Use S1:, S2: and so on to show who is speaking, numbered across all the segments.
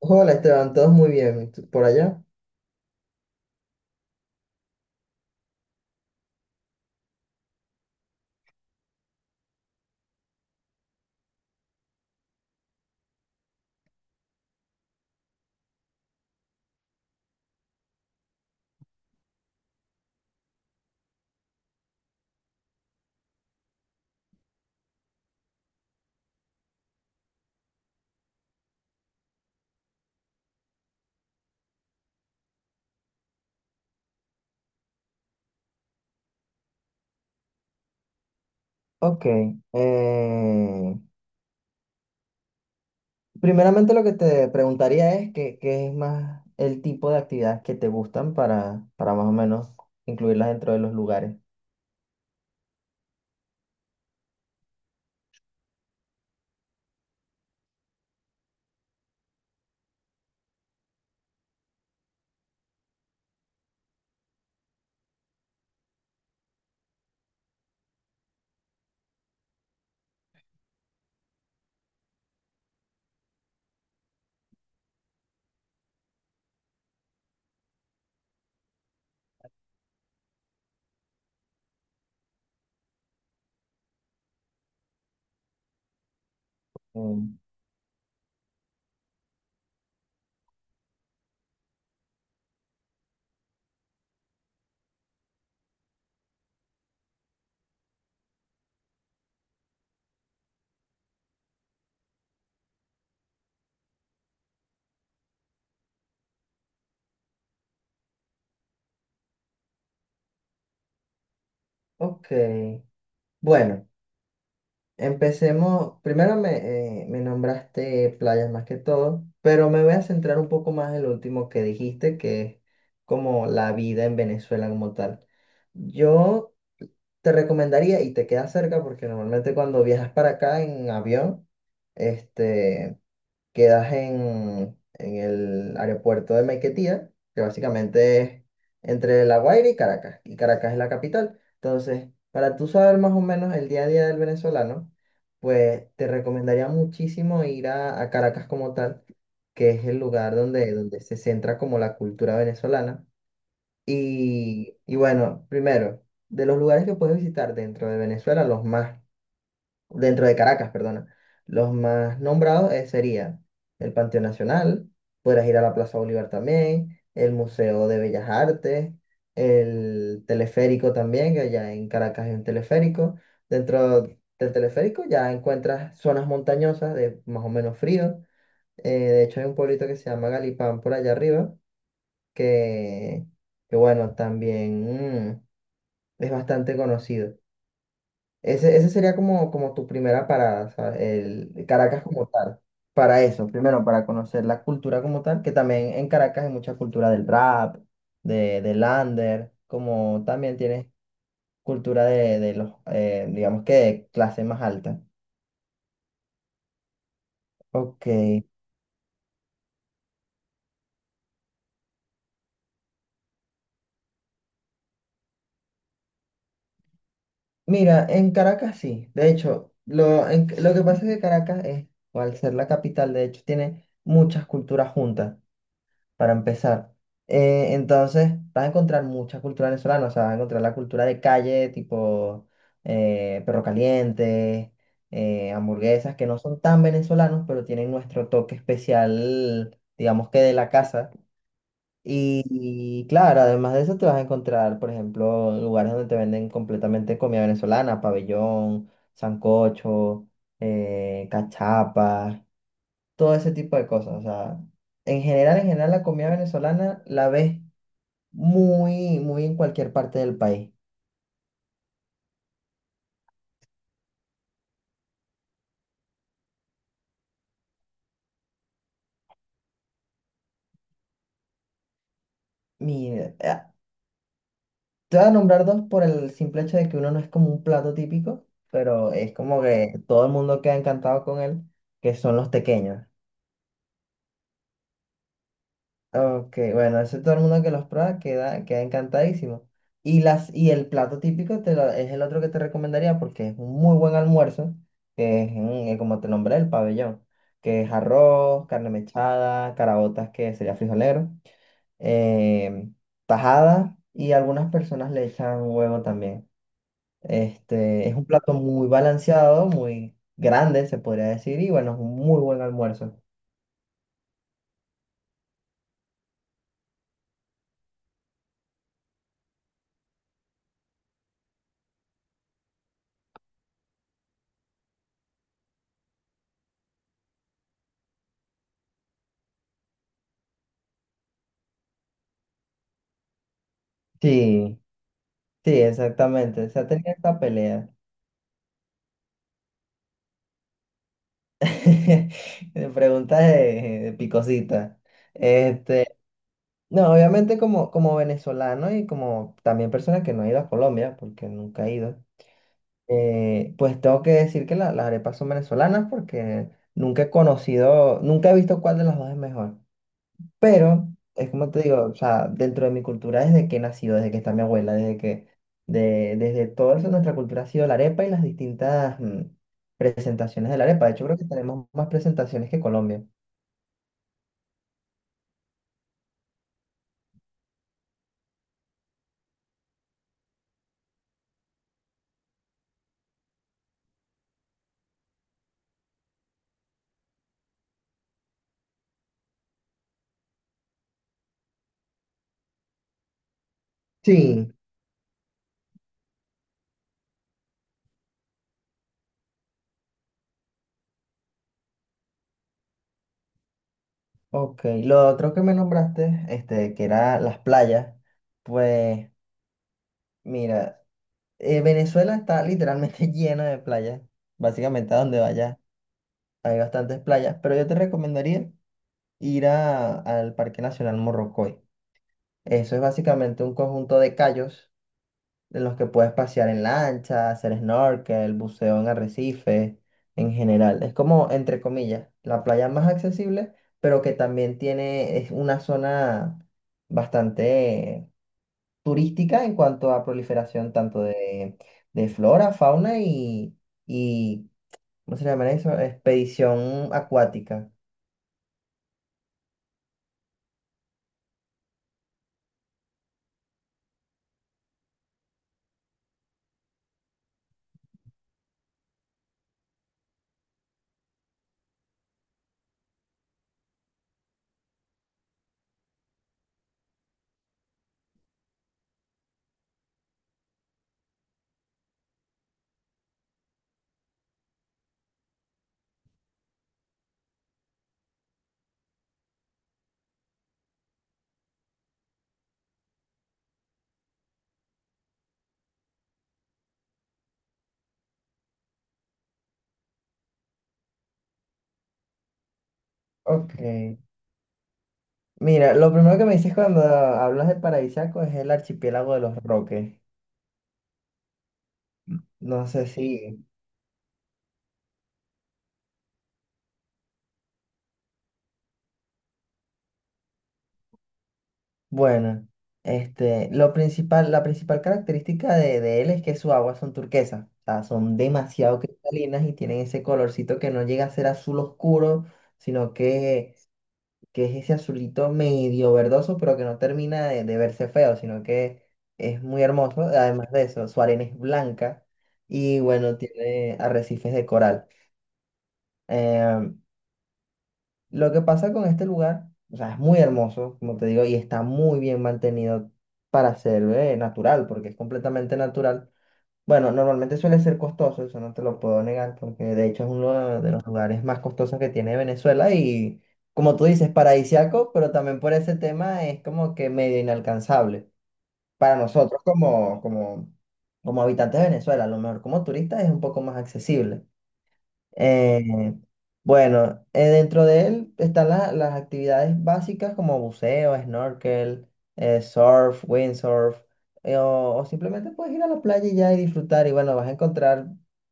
S1: Hola Esteban, todos muy bien. ¿Por allá? Ok. eh, Primeramente lo que te preguntaría es qué es más el tipo de actividades que te gustan para más o menos incluirlas dentro de los lugares. Mm. Ok, bueno, empecemos. Primero me nombraste playas más que todo, pero me voy a centrar un poco más en lo último que dijiste, que es como la vida en Venezuela como tal. Yo... te recomendaría, y te queda cerca porque normalmente cuando viajas para acá en avión, este, quedas en el aeropuerto de Maiquetía, que básicamente es entre La Guaira y Caracas es la capital. Entonces, para tú saber más o menos el día a día del venezolano, pues te recomendaría muchísimo ir a Caracas como tal, que es el lugar donde se centra como la cultura venezolana. Y bueno, primero, de los lugares que puedes visitar dentro de Venezuela, dentro de Caracas, perdona, los más nombrados serían el Panteón Nacional, podrás ir a la Plaza Bolívar también, el Museo de Bellas Artes, el teleférico también, que allá en Caracas hay un teleférico. Dentro del teleférico ya encuentras zonas montañosas de más o menos frío. De hecho, hay un pueblito que se llama Galipán por allá arriba que, que bueno, también es bastante conocido. Ese sería como, como tu primera parada, ¿sabes? El Caracas como tal. Para eso, primero para conocer la cultura como tal, que también en Caracas hay mucha cultura del rap, del under, como también tienes cultura de los, digamos que de clase más alta. Ok, mira, en Caracas sí. De hecho, lo que pasa es que Caracas es, o al ser la capital, de hecho, tiene muchas culturas juntas, para empezar. Entonces, vas a encontrar mucha cultura venezolana, o sea, vas a encontrar la cultura de calle, tipo perro caliente, hamburguesas, que no son tan venezolanos, pero tienen nuestro toque especial, digamos que de la casa. Y claro, además de eso te vas a encontrar, por ejemplo, lugares donde te venden completamente comida venezolana: pabellón, sancocho, cachapas, todo ese tipo de cosas. O sea, en general, la comida venezolana la ves muy, muy en cualquier parte del país. Mira, te voy a nombrar dos por el simple hecho de que uno no es como un plato típico, pero es como que todo el mundo queda encantado con él, que son los tequeños. Ok, bueno, eso todo el mundo que los prueba queda, queda encantadísimo. Y el plato típico te es el otro que te recomendaría porque es un muy buen almuerzo, que es, como te nombré, el pabellón, que es arroz, carne mechada, caraotas, que sería frijolero, eh, tajada, y algunas personas le echan huevo también. Este, es un plato muy balanceado, muy grande, se podría decir, y bueno, es un muy buen almuerzo. Sí, sí, exactamente. Se ha tenido esta pelea. Preguntas de picosita. Este, no, obviamente como, como venezolano y como también persona que no ha ido a Colombia, porque nunca he ido, pues tengo que decir que las arepas son venezolanas porque nunca he conocido, nunca he visto cuál de las dos es mejor. Pero es como te digo, o sea, dentro de mi cultura desde que he nacido, desde que está mi abuela, desde todo eso, nuestra cultura ha sido la arepa y las distintas presentaciones de la arepa. De hecho, creo que tenemos más presentaciones que Colombia. Sí, ok. Lo otro que me nombraste, este, que era las playas, pues mira, Venezuela está literalmente lleno de playas, básicamente a donde vayas hay bastantes playas, pero yo te recomendaría ir al Parque Nacional Morrocoy. Eso es básicamente un conjunto de cayos de los que puedes pasear en lancha, hacer snorkel, buceo en arrecife, en general. Es como, entre comillas, la playa más accesible, pero que también tiene, es una zona bastante turística en cuanto a proliferación tanto de flora, fauna y, ¿cómo se llama eso? Expedición acuática. Ok, mira, lo primero que me dices cuando hablas de paradisíaco es el archipiélago de los Roques. No sé si... Bueno, este, lo principal, la principal característica de él es que sus aguas son turquesas, o sea, son demasiado cristalinas y tienen ese colorcito que no llega a ser azul oscuro, sino que es ese azulito medio verdoso, pero que no termina de verse feo, sino que es muy hermoso. Además de eso, su arena es blanca y bueno, tiene arrecifes de coral. Em, lo que pasa con este lugar, o sea, es muy hermoso, como te digo, y está muy bien mantenido para ser natural, porque es completamente natural. Bueno, normalmente suele ser costoso, eso no te lo puedo negar, porque de hecho es uno de los lugares más costosos que tiene Venezuela y, como tú dices, paradisiaco, pero también por ese tema es como que medio inalcanzable para nosotros como, como, como habitantes de Venezuela. A lo mejor como turistas es un poco más accesible. Eh, bueno, Dentro de él están las actividades básicas como buceo, snorkel, surf, windsurf, o simplemente puedes ir a la playa y ya y disfrutar. Y bueno, vas a encontrar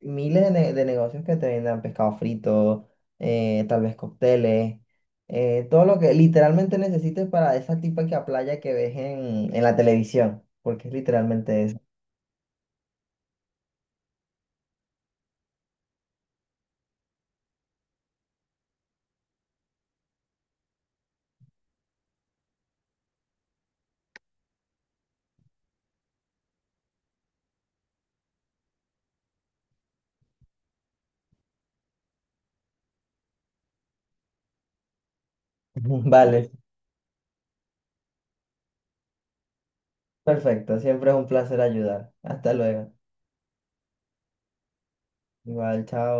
S1: miles de negocios que te vendan pescado frito, tal vez cócteles, todo lo que literalmente necesites para esa típica playa que ves en la televisión, porque es literalmente eso. Vale, perfecto, siempre es un placer ayudar. Hasta luego. Igual, chao.